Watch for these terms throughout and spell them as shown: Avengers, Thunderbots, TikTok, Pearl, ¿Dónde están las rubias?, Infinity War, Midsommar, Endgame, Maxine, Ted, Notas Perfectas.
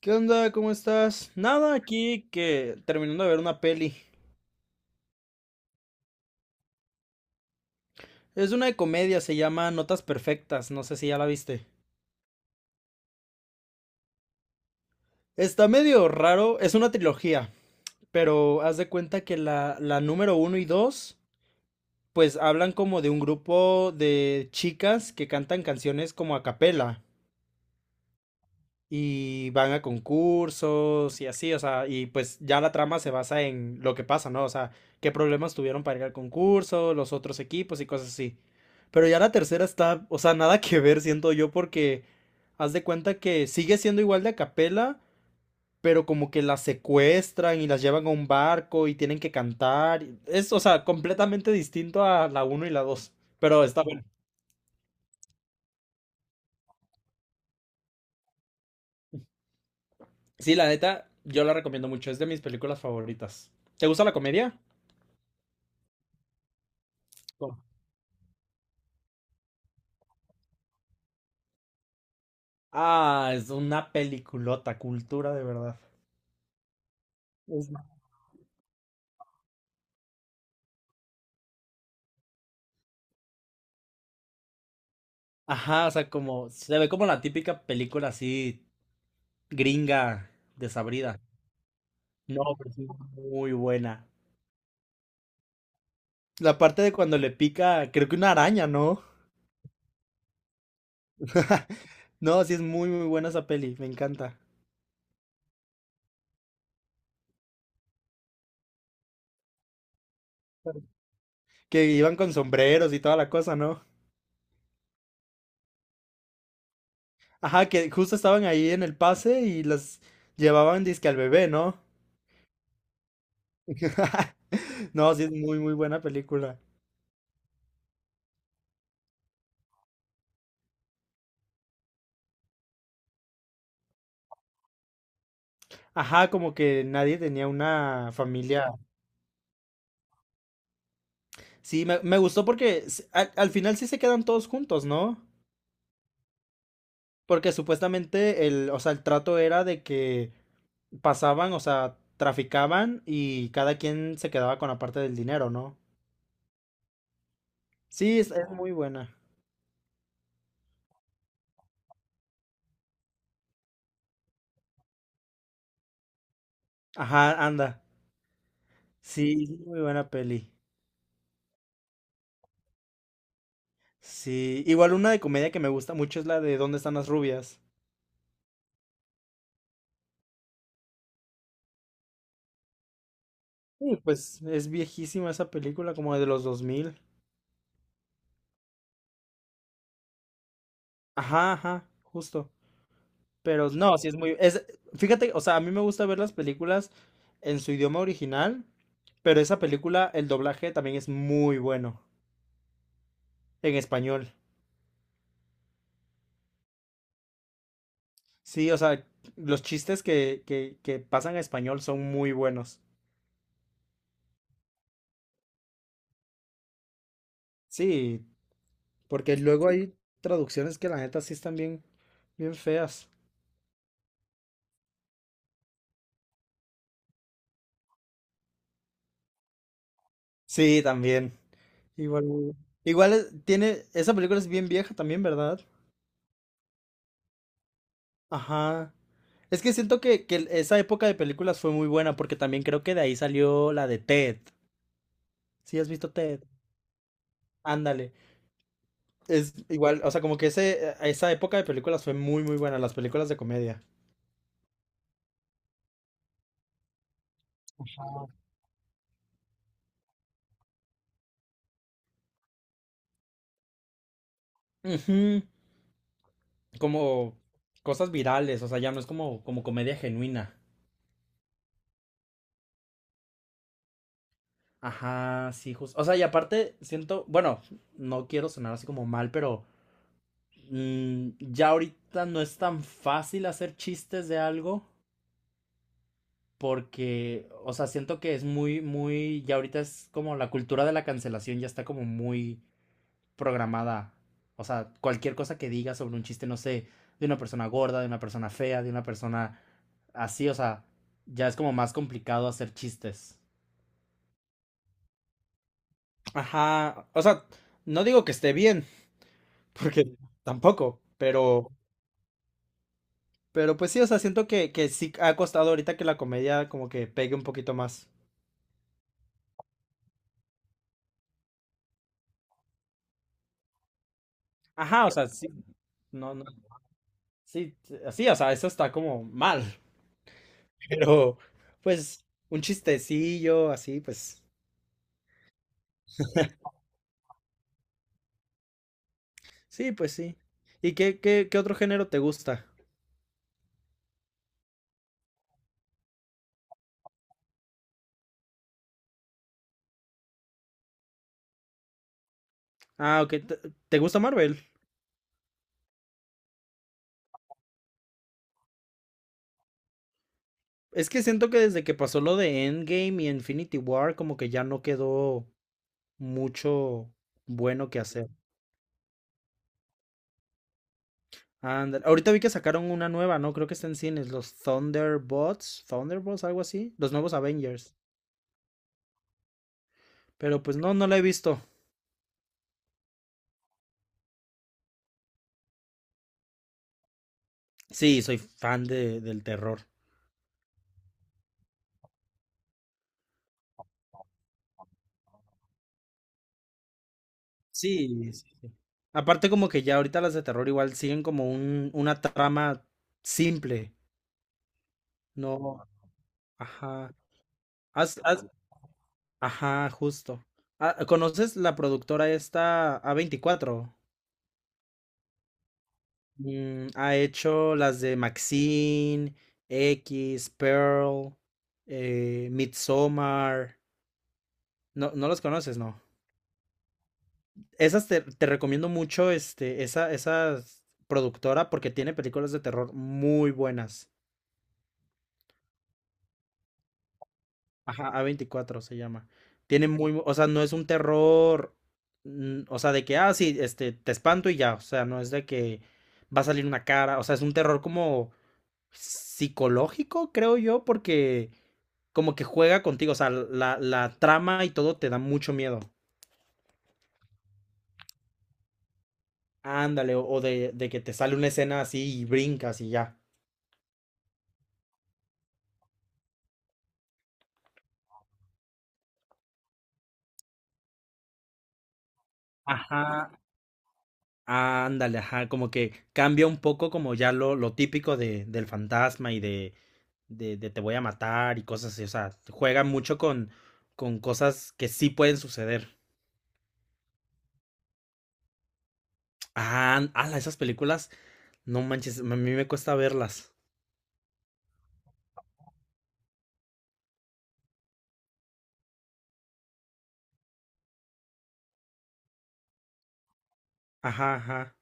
¿Qué onda? ¿Cómo estás? Nada, aquí que terminando de ver una peli. Es una de comedia, se llama Notas Perfectas, no sé si ya la viste. Está medio raro, es una trilogía, pero haz de cuenta que la número uno y dos, pues hablan como de un grupo de chicas que cantan canciones como a capela. Y van a concursos y así, o sea, y pues ya la trama se basa en lo que pasa, ¿no? O sea, qué problemas tuvieron para ir al concurso, los otros equipos y cosas así. Pero ya la tercera está, o sea, nada que ver, siento yo, porque haz de cuenta que sigue siendo igual de a capela, pero como que las secuestran y las llevan a un barco y tienen que cantar. Es, o sea, completamente distinto a la uno y la dos. Pero está bueno. Sí, la neta, yo la recomiendo mucho. Es de mis películas favoritas. ¿Te gusta la comedia? Ah, es una peliculota, cultura de verdad. Es- Ajá, o sea, como se ve como la típica película así gringa, desabrida. No, pero es muy buena. La parte de cuando le pica, creo que una araña, ¿no? No, sí es muy muy buena esa peli, me encanta. Que iban con sombreros y toda la cosa, ¿no? Ajá, que justo estaban ahí en el pase y las llevaban disque al bebé, ¿no? No, sí es muy muy buena película. Ajá, como que nadie tenía una familia. Sí, me gustó porque al final sí se quedan todos juntos, ¿no? Porque supuestamente el, o sea, el trato era de que pasaban, o sea, traficaban y cada quien se quedaba con la parte del dinero, ¿no? Sí, es muy buena. Ajá, anda. Sí, es muy buena peli. Sí, igual una de comedia que me gusta mucho es la de ¿Dónde están las rubias? Sí, pues es viejísima esa película, como de los 2000. Ajá, ajá, justo. Pero no, sí, fíjate, o sea, a mí me gusta ver las películas en su idioma original, pero esa película, el doblaje también es muy bueno en español. Sí, o sea, los chistes que pasan a español son muy buenos. Sí, porque luego hay traducciones que la neta sí están bien, bien feas. Sí, también. Igual, igual tiene, esa película es bien vieja también, ¿verdad? Ajá. Es que siento que esa época de películas fue muy buena porque también creo que de ahí salió la de Ted. ¿Sí has visto Ted? Ándale. Es igual, o sea, como que esa época de películas fue muy, muy buena, las películas de comedia. Ujú. Como cosas virales, o sea, ya no es como comedia genuina. Ajá, sí, justo. O sea, y aparte siento, bueno, no quiero sonar así como mal, pero ya ahorita no es tan fácil hacer chistes de algo. Porque, o sea, siento que es ya ahorita es como la cultura de la cancelación ya está como muy programada. O sea, cualquier cosa que diga sobre un chiste, no sé, de una persona gorda, de una persona fea, de una persona así, o sea, ya es como más complicado hacer chistes. Ajá, o sea, no digo que esté bien, porque tampoco, pero pues sí, o sea, siento que sí ha costado ahorita que la comedia como que pegue un poquito más. Ajá, o sea, sí, no, no, sí, así, o sea, eso está como mal, pero pues un chistecillo, así, pues. Sí, pues sí. ¿Y qué otro género te gusta? Ah, ok, ¿te gusta Marvel? Es que siento que desde que pasó lo de Endgame y Infinity War, como que ya no quedó mucho bueno que hacer. Ándale. Ahorita vi que sacaron una nueva, ¿no? Creo que está en cines, los Thunderbots, Thunderbots, algo así, los nuevos Avengers. Pero pues no, no la he visto. Sí, soy fan del terror. Sí, sí, sí. Aparte como que ya ahorita las de terror igual siguen como una trama simple, ¿no? Ajá. Haz- haz- ajá, justo. Ah, ¿conoces la productora esta A24? Ha hecho las de Maxine, X, Pearl, Midsommar. No, no los conoces, ¿no? Esas te recomiendo mucho, este, esa productora porque tiene películas de terror muy buenas. Ajá, A24 se llama. Tiene muy, o sea, no es un terror, o sea, de que, ah, sí, este, te espanto y ya, o sea, no es de que va a salir una cara, o sea, es un terror como psicológico, creo yo, porque como que juega contigo, o sea, la trama y todo te da mucho miedo. Ándale, o de, que te sale una escena así y brincas y ya. Ajá. Ándale, ajá, como que cambia un poco como ya lo típico de, del fantasma y de te voy a matar y cosas así, o sea, juega mucho con cosas que sí pueden suceder. Ah, ala, esas películas, no manches, a mí me cuesta verlas. Ajá, ajá.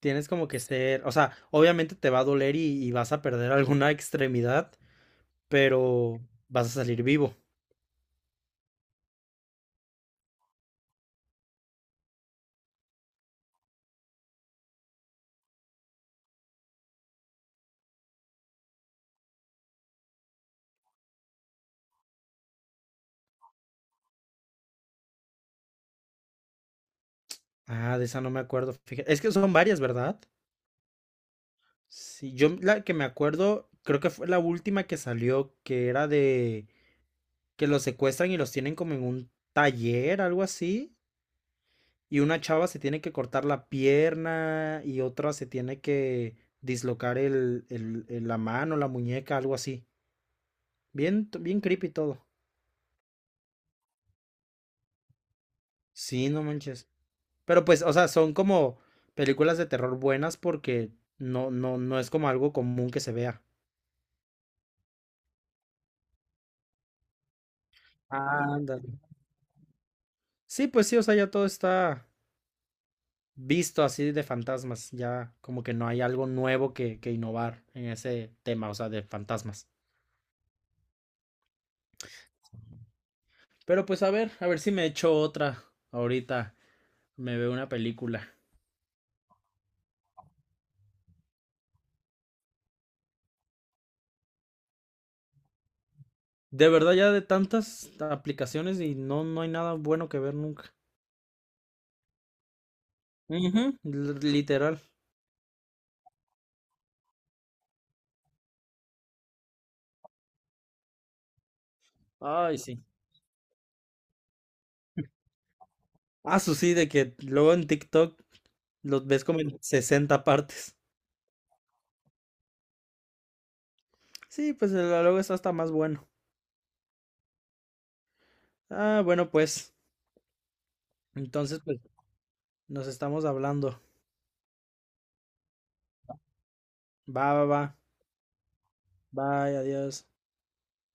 Tienes como que ser, o sea, obviamente te va a doler y vas a perder alguna extremidad, pero vas a salir vivo. Ah, de esa no me acuerdo, fíjate. Es que son varias, ¿verdad? Sí, yo la que me acuerdo, creo que fue la última que salió, que era de que los secuestran y los tienen como en un taller, algo así, y una chava se tiene que cortar la pierna y otra se tiene que dislocar la mano, la muñeca, algo así. Bien, bien creepy todo. Sí, no manches. Pero pues, o sea, son como películas de terror buenas porque no, no, no es como algo común que se vea. Ándale. Sí, pues sí, o sea, ya todo está visto así de fantasmas. Ya como que no hay algo nuevo que innovar en ese tema, o sea, de fantasmas. Pero pues a ver si me echo otra ahorita. Me veo una película. De verdad, ya de tantas aplicaciones y no, no hay nada bueno que ver nunca. Ujú, literal. Ay, sí. Ah, su sí, de que luego en TikTok los ves como en 60 partes. Sí, pues el luego está hasta más bueno. Ah, bueno, pues. Entonces, pues, nos estamos hablando. Va, va, va. Bye, adiós.